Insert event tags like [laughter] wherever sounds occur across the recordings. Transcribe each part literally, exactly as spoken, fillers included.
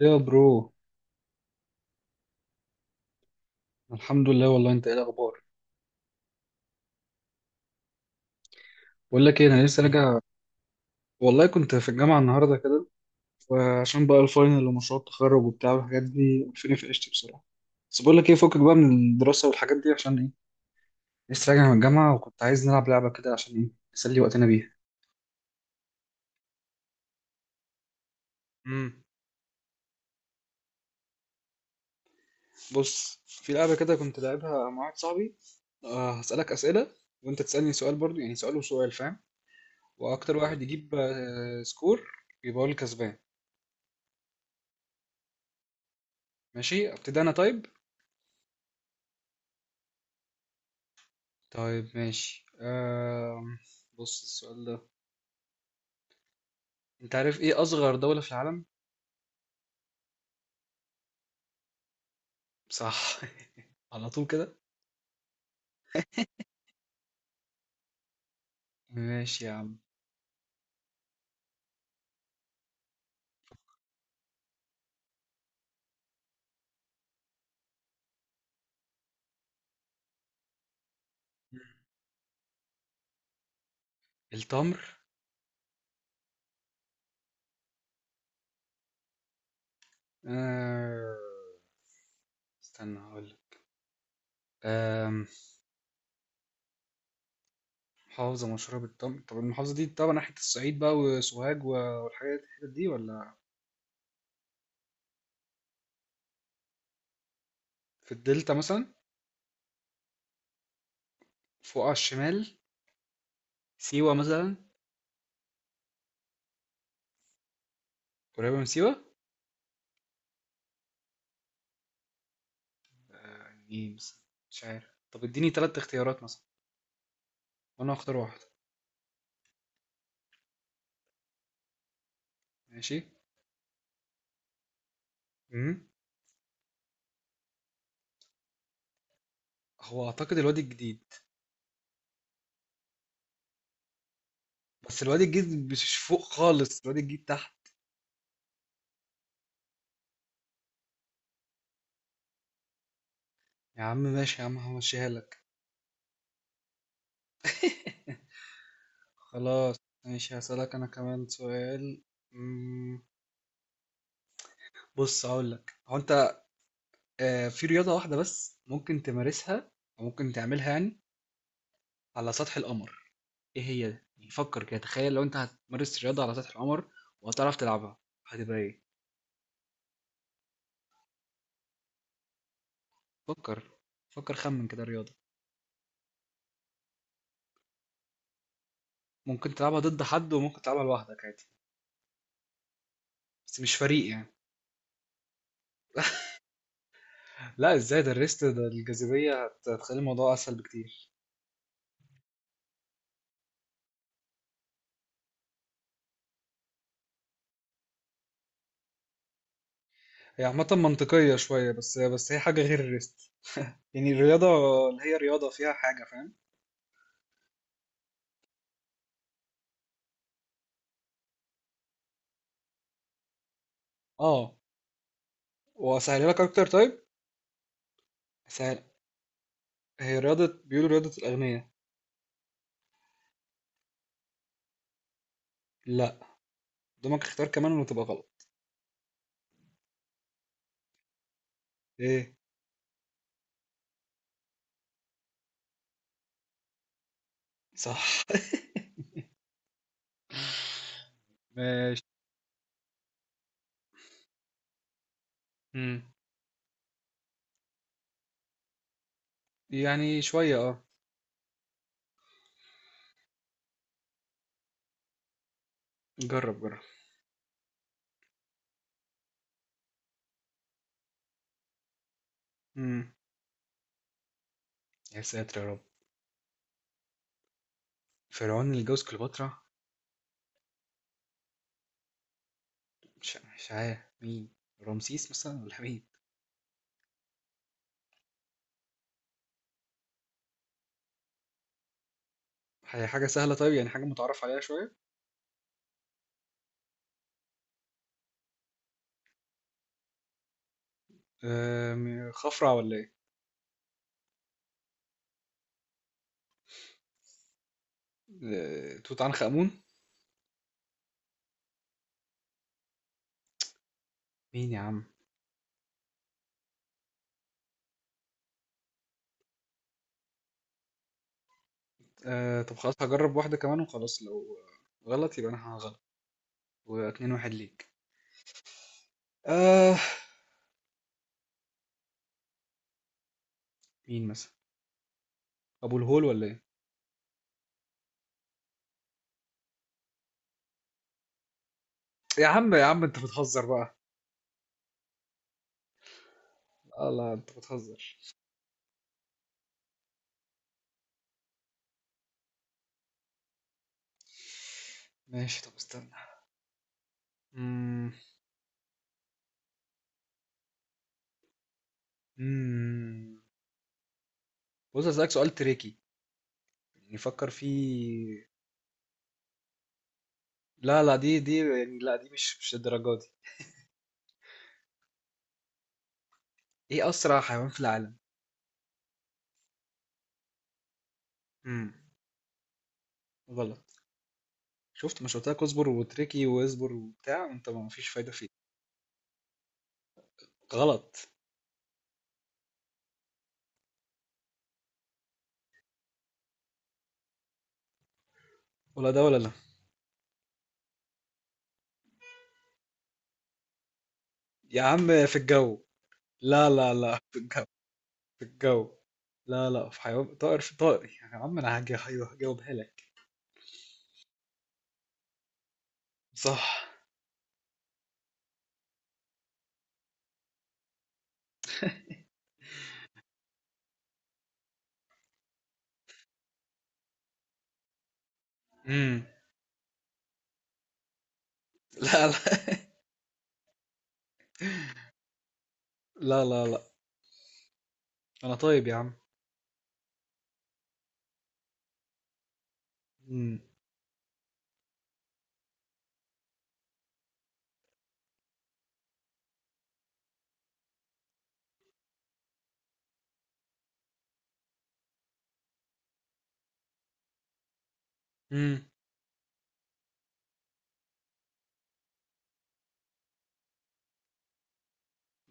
يا برو. الحمد لله والله انت ايه الاخبار؟ بقول لك ايه، انا لسه راجع، والله كنت في الجامعه النهارده كده، وعشان بقى الفاينل ومشروع التخرج وبتاع والحاجات دي وقفوني في عيشتي بصراحه. بس بقول لك ايه، فكك بقى من الدراسه والحاجات دي، عشان ايه؟ لسه راجع من الجامعه وكنت عايز نلعب لعبه كده عشان ايه، نسلي وقتنا بيها. امم بص، في لعبه كده كنت لعبها مع واحد صاحبي. آه، هسالك اسئله وانت تسالني سؤال برضو، يعني سؤال وسؤال فاهم، واكتر واحد يجيب آه سكور يبقى هو الكسبان. ماشي ابتدي انا طيب. طيب ماشي، آم، بص السؤال ده، انت عارف ايه اصغر دولة في العالم؟ صح [laughs] على طول كده. ماشي يا عم. التمر. آه، استنى هقول لك. آم، محافظة مشهورة بالتمر، طب المحافظة دي طبعا ناحية الصعيد بقى وسوهاج و- والحاجات الحتت دي ولا في الدلتا مثلا؟ فوق على الشمال. سيوة مثلا. قريبة من سيوة. آه، ايه مثلا؟ مش عارف، طب اديني تلات اختيارات مثلا وانا هختار واحدة. ماشي. مم. هو اعتقد الوادي الجديد. بس الواد الجديد مش فوق خالص، الواد الجديد تحت. يا عم ماشي يا عم، همشيها لك. [laughs] خلاص. ماشي هسألك أنا كمان سؤال. مم، بص هقول لك، هو أنت، آه، في رياضة واحدة بس ممكن تمارسها أو ممكن تعملها يعني على سطح القمر، إيه هي ده؟ يعني فكر كده، تخيل لو أنت هتمارس رياضة على سطح القمر وهتعرف تلعبها، هتبقى إيه؟ فكر، فكر خمن كده رياضة. ممكن تلعبها ضد حد وممكن تلعبها لوحدك عادي، بس مش فريق يعني. لا ازاي ده؟ الريست ده الجاذبية هت- هتخلي الموضوع اسهل بكتير. هي عامة منطقية شوية، بس بس هي حاجة غير الريست، يعني الرياضة اللي هي رياضة فيها حاجة فاهم. اه، واسهلها لك اكتر طيب. سهل، هي رياضة بيقولوا رياضة الاغنياء. لا، قدامك اختيار كمان وتبقى غلط. ايه؟ صح. ماشي. مم. يعني شوية اه. جرب جرب. مم. يا ساتر يا رب، فرعون اللي جوز كليوباترا. مش مش عارف مين، رمسيس مثلا ولا مين؟ هي حاجة سهلة طيب، يعني حاجة متعرف عليها شوية. آه، م- خفرع ولا ايه؟ آه، توت عنخ آمون. مين يا عم؟ آه، طب خلاص هجرب واحدة كمان وخلاص، لو آه، غلط يبقى انا هغلط، واتنين واحد ليك. آه. مين مثلا، ابو الهول ولا ايه؟ يا عم يا عم انت بتهزر بقى. آه لا انت بتهزر. ماشي طب استنى. مم. مم. بص هسألك سؤال تريكي، يعني فكر فيه. لا لا، دي دي يعني، لا دي مش مش الدرجة دي. ايه اسرع حيوان في العالم؟ امم غلط. شفت، مش قلت لك اصبر وتركي واصبر وبتاع، انت ما فيش فايده فيه. غلط. ولا ده ولا لا. يا عم في الجو. لا لا لا في الجو، في الجو. لا لا، في حيوان طائر، في طائر يا عم، انا هجي- هجي- هجاوبها لك. صح. امم لا لا. [laughs] لا لا لا انا طيب يا عم. امم امم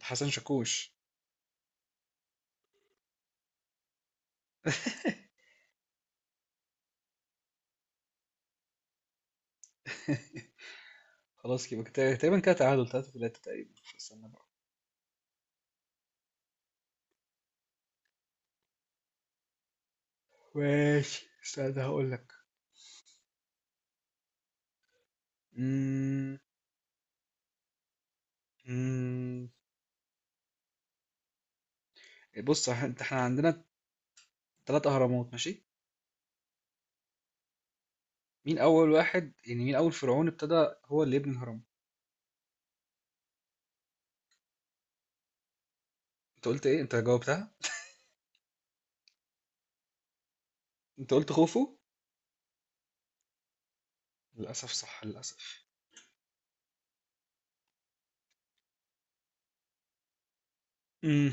حسن شاكوش. [laughs] خلاص يبقى كده- تقريبا كده تعادل تلاتة تلاتة تقريبا. استنى بقى. ماشي استنى هقول لك. امم امم بص إح- انت احنا عندنا تلات أهرامات ماشي. مين أول واحد، يعني مين أول فرعون ابتدى هو اللي يبني الهرم؟ أنت قلت إيه؟ أنت جاوبتها، أنت قلت خوفو. للأسف صح، للأسف. امم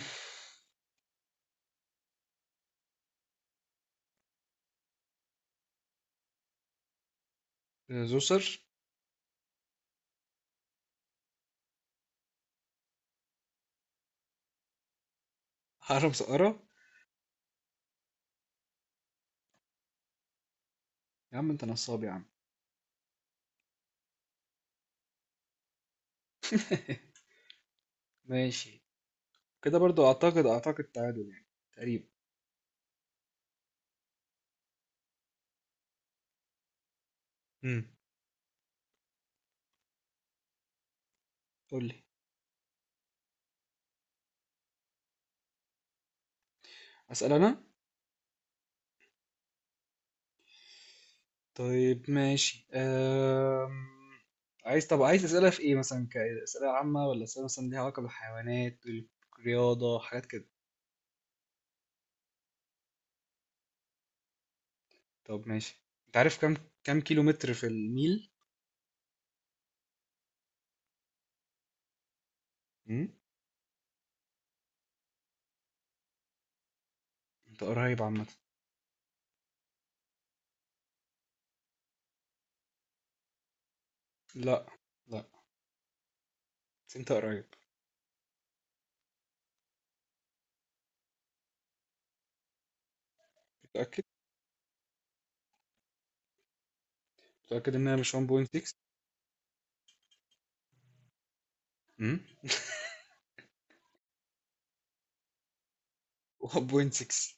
زوسر. هرم سقارة. يا عم أنت نصاب يا عم. [laughs] ماشي، كده برضو أعتقد أعتقد تعادل يعني، تقريبا. امم قول لي. أسأل أنا. طيب ماشي، أم... عايز، طب عايز أسئلة في إيه مثلا، كأسئلة عامة ولا أسئلة مثلا ليها علاقة بالحيوانات، الرياضة، حاجات كده؟ طب ماشي، انت عارف كام، كام كيلو متر في الميل؟ امم انت قريب عامة. لا، لا، بس انت قريب. متأكد. متأكد انها مش واحد فاصل ستة؟ امم واحد فاصل ستة.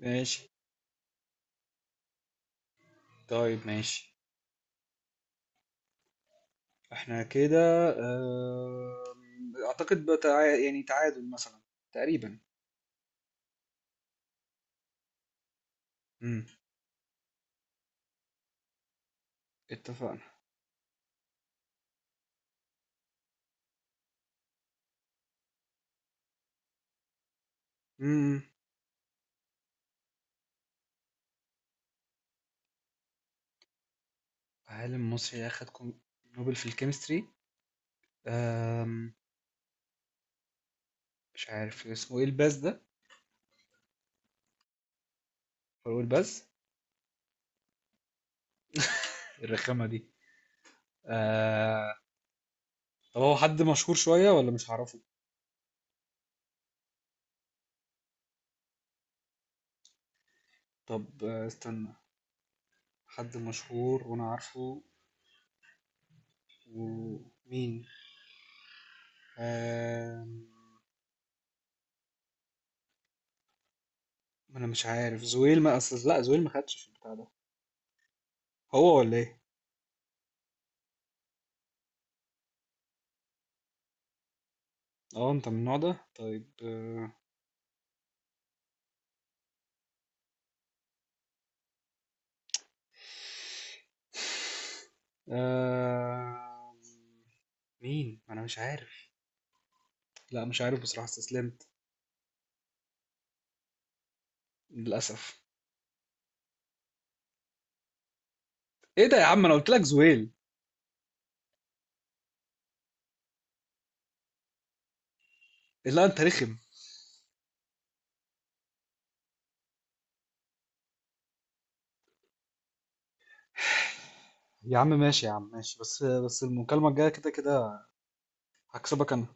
[laughs] ماشي. طيب ماشي احنا كده. آم، اعتقد بقى تع- يعني تعادل مثلا، تقريبا. امم اتفقنا. امم عالم مصري اخد كوم- نوبل في الكيمستري. أم... مش عارف اسمه ايه، الباز ده. فاروق الباز. الرخامة دي. طب هو حد مشهور شوية ولا مش هعرفه؟ طب آه، استنى. حد مشهور وانا عارفه؟ ومين؟ آه... ما انا مش عارف زويل، ما اصل، لا زويل ما خدش في البتاع ده، هو ولا ايه؟ اه انت من النوع ده طيب. آه... آه... مين؟ ما انا مش عارف. لا مش عارف بصراحة، استسلمت. للأسف. ايه ده يا عم، انا قلت لك زويل. لا انت رخم. يا عم ماشي يا عم، ماشي، بس بس المكالمة الجاية كده كده هكسبك انا.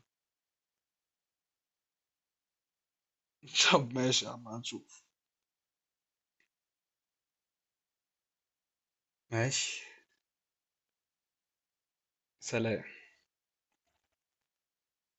[laughs] طب ماشي يا عم هنشوف. ماشي. سلام.